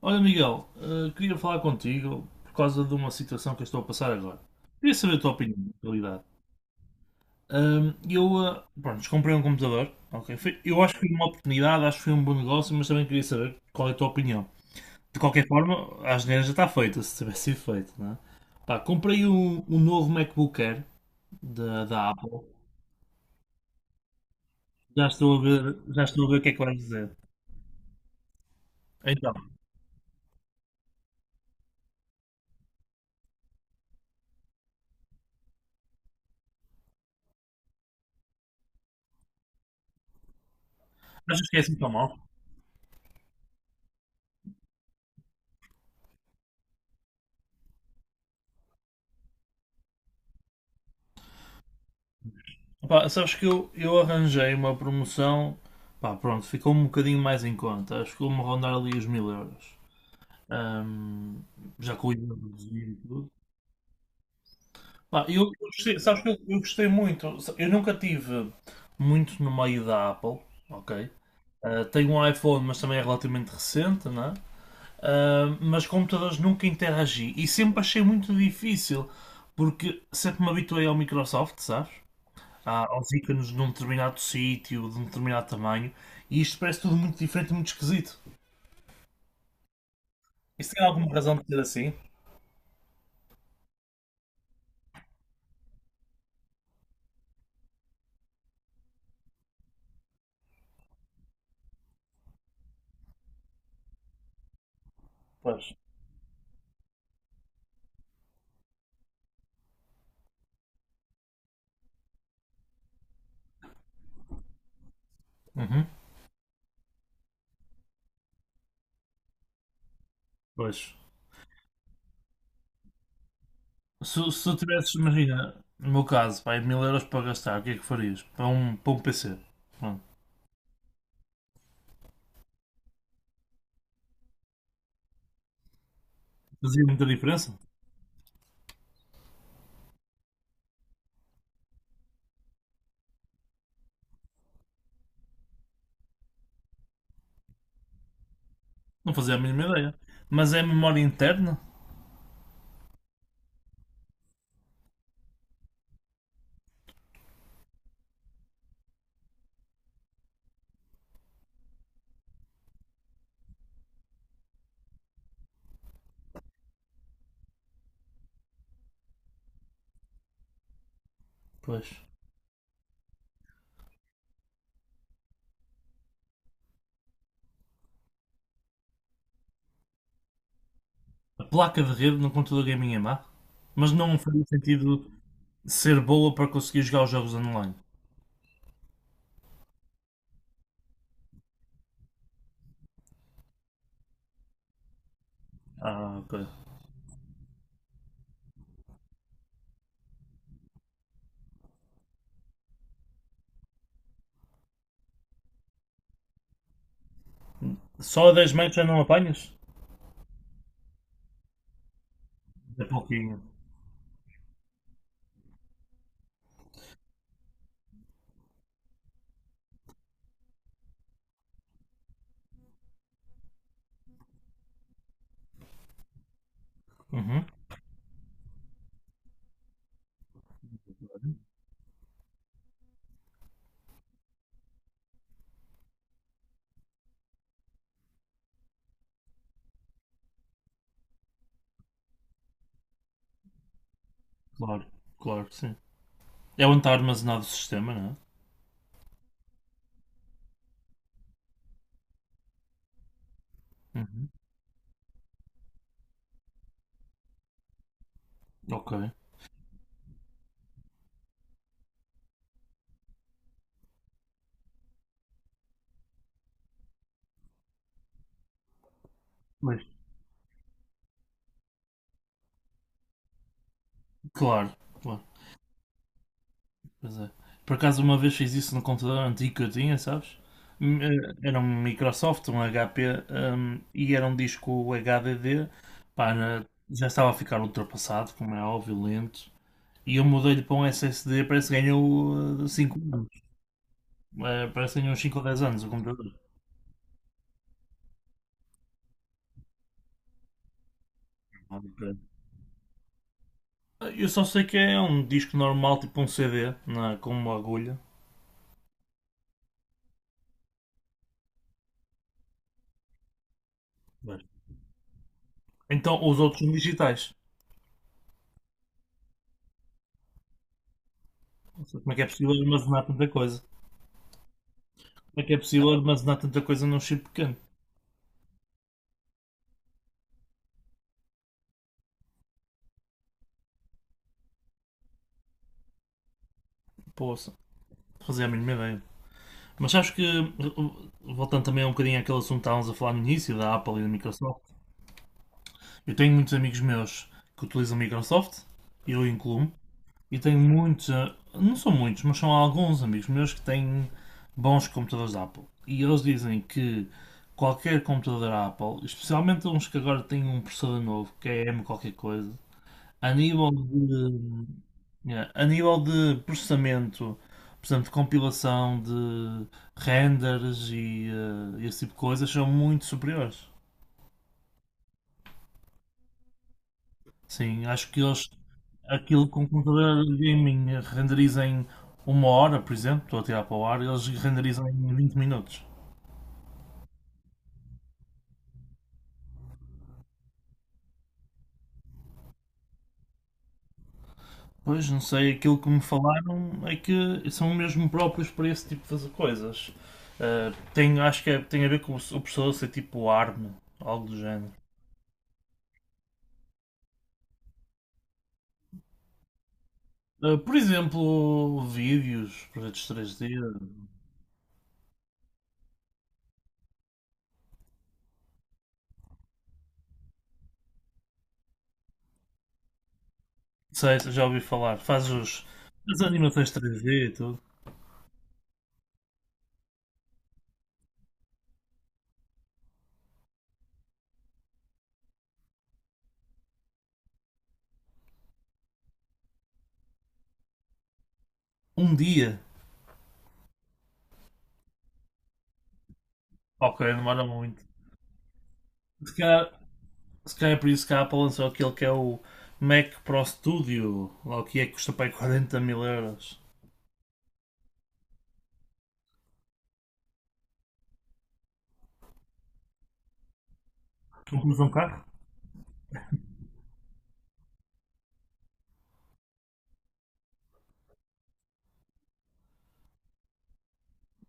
Olha, Miguel, queria falar contigo por causa de uma situação que eu estou a passar agora. Queria saber a tua opinião, na realidade. Pronto, comprei um computador, ok? Eu acho que foi uma oportunidade, acho que foi um bom negócio, mas também queria saber qual é a tua opinião. De qualquer forma, a asneira já está feita, se tivesse sido feito, não é? Pá, comprei um novo MacBook Air da Apple. Já estou a ver, já estou a ver o que é que vais dizer. Então, achas que é assim tão mal? Pá, sabes que eu arranjei uma promoção, pá, pronto, ficou um bocadinho mais em conta, acho que vou-me rondar ali os 1000 euros, Ahm, já com o IVA reduzido e tudo. Pá, eu gostei, sabes que eu gostei muito, eu nunca tive muito no meio da Apple, ok? Ah, tenho um iPhone, mas também é relativamente recente, não é? Ah, mas computadores nunca interagi e sempre achei muito difícil, porque sempre me habituei ao Microsoft, sabes? Aos ícones de um determinado sítio, de um determinado tamanho, e isto parece tudo muito diferente e muito esquisito. Isso tem alguma razão de ser assim? Pois. Uhum. Pois. Se tu tivesses, imagina, no meu caso, pá, 1000 euros para gastar, o que é que farias? Para um PC? Pronto. Fazia muita diferença? Não fazia a mínima ideia. Mas é a memória interna? Pois. A placa de rede no computador gaming é má? Mas não faria sentido ser boa para conseguir jogar os jogos online. Ah, ok. Só a 10 metros já não apanhas? É pouquinho. Uhum. Claro, claro, sim. É onde está armazenado o sistema, não é? Uhum. É? Ok. Mas claro, claro, pois é. Por acaso uma vez fiz isso no computador antigo que eu tinha, sabes? Hum, eh, Era um Microsoft, um HP, e era um disco HDD, pá, já estava a ficar ultrapassado, como é óbvio, lento. E eu mudei-lhe para um SSD, parece que ganhou 5 anos. Parece que ganhou uns 5 ou 10 anos o computador. Eu só sei que é um disco normal, tipo um CD, com uma agulha. Mas- Então os outros são digitais. Não sei como é que é possível armazenar tanta coisa? Como é que é possível armazenar tanta coisa num chip pequeno? Poxa, fazia a mínima ideia. Mas acho que, voltando também um bocadinho àquele assunto que estávamos a falar no início, da Apple e da Microsoft, eu tenho muitos amigos meus que utilizam Microsoft, eu incluo-me. E tenho muitos, ah, não são muitos, mas são alguns amigos meus que têm bons computadores Apple. E eles dizem que qualquer computador Apple, especialmente uns que agora têm um processador novo, que é M qualquer coisa, a nível de, yeah, a nível de processamento, por exemplo, de compilação, de renders e ah, esse tipo de coisas, são muito superiores. Sim, acho que eles, aquilo com o computador gaming renderiza em uma hora, por exemplo, estou a tirar para o ar, eles renderizam em 20 minutos. Pois, não sei, aquilo que me falaram é que são mesmo próprios para esse tipo de coisas. Ah, tem, tem a ver com o processador ser tipo ARM, algo do género. Ah, por exemplo, vídeos, projetos três d. Sei, já ouvi falar, faz os, as animações três d e tudo. Um dia. Ok, demora muito. Se calhar, se calhar é por isso que a Apple lançou aquele que é o Mac Pro Studio, lá o que é que custa para aí 40 mil euros. Compras um carro?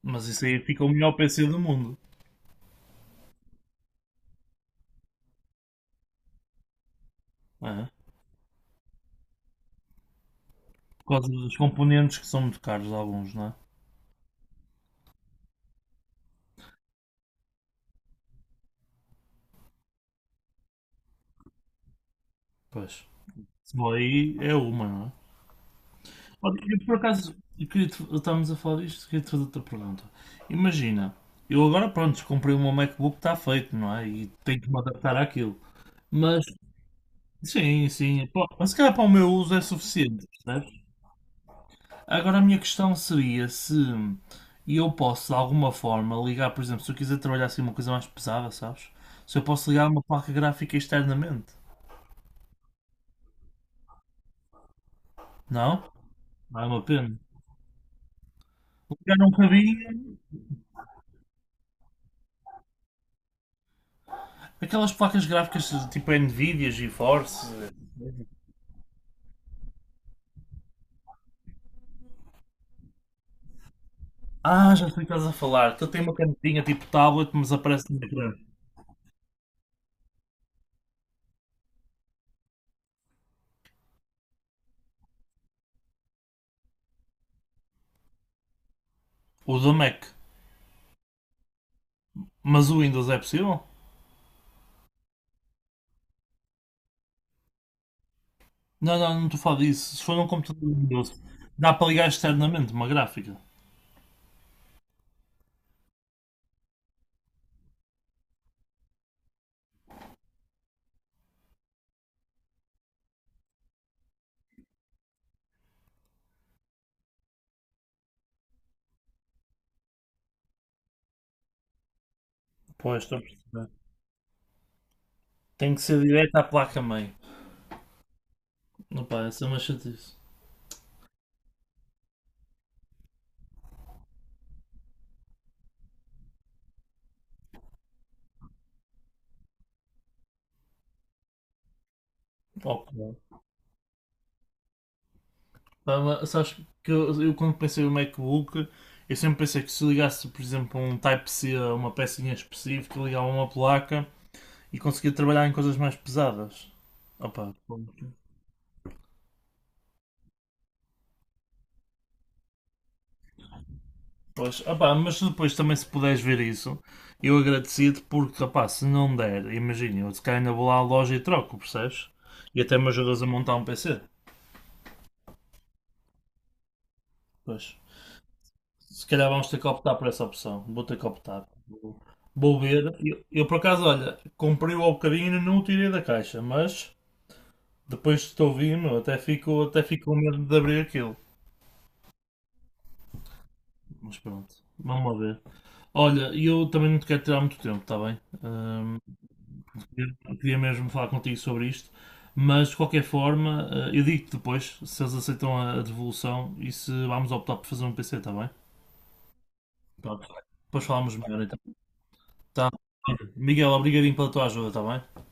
Mas isso aí fica o melhor PC do mundo, não é? Por causa dos componentes que são muito caros, alguns, não é? Pois. Se for aí, é uma, não é? Eu estávamos a falar disto, queria te fazer outra pergunta. Imagina, eu agora, pronto, comprei o meu MacBook, está feito, não é? E tenho que me adaptar àquilo. Mas, sim, sim, pá, mas se calhar para o meu uso é suficiente, percebes? Agora a minha questão seria se eu posso, de alguma forma, ligar, por exemplo, se eu quiser trabalhar assim uma coisa mais pesada, sabes? Se eu posso ligar uma placa gráfica externamente. Não? Não é uma pena. Ligar um cabinho. Aquelas placas gráficas tipo Nvidia, GeForce. Ah, já sei o que estás a falar. Tu tem uma canetinha tipo tablet, mas aparece no ecrã. O do Mac. Mas o Windows é possível? Não, não estou a falar disso. Se for num computador Windows, dá para ligar externamente uma gráfica. Pois, estou a perceber. Tem que ser direto à placa-mãe. Não pá, isso é uma chatice. Oh, pá. Pá, mas sabes que eu quando pensei no MacBook, eu sempre pensei que se ligasse, por exemplo, um Type-C a uma pecinha específica, ligava uma placa e conseguia trabalhar em coisas mais pesadas. Opa, pois, ó, pá, mas depois também se puderes ver isso, eu agradecia-te porque, rapaz, se não der, imagina, eu se calhar ainda vou lá à loja e troco, percebes? E até me ajudas a montar um PC. Pois. Se calhar vamos ter que optar por essa opção. Vou ter que optar. Vou ver. Por acaso, olha, comprei-o ao bocadinho e não o tirei da caixa, mas depois que estou vindo, até fico com medo de abrir aquilo. Mas pronto, vamos lá ver. Olha, e eu também não te quero tirar muito tempo, está bem? Eu queria mesmo falar contigo sobre isto, mas de qualquer forma, eu digo-te depois se eles aceitam a devolução e se vamos optar por fazer um PC, está bem? Pronto, depois falamos melhor então. Tá. Miguel, obrigadinho pela tua ajuda, está bem?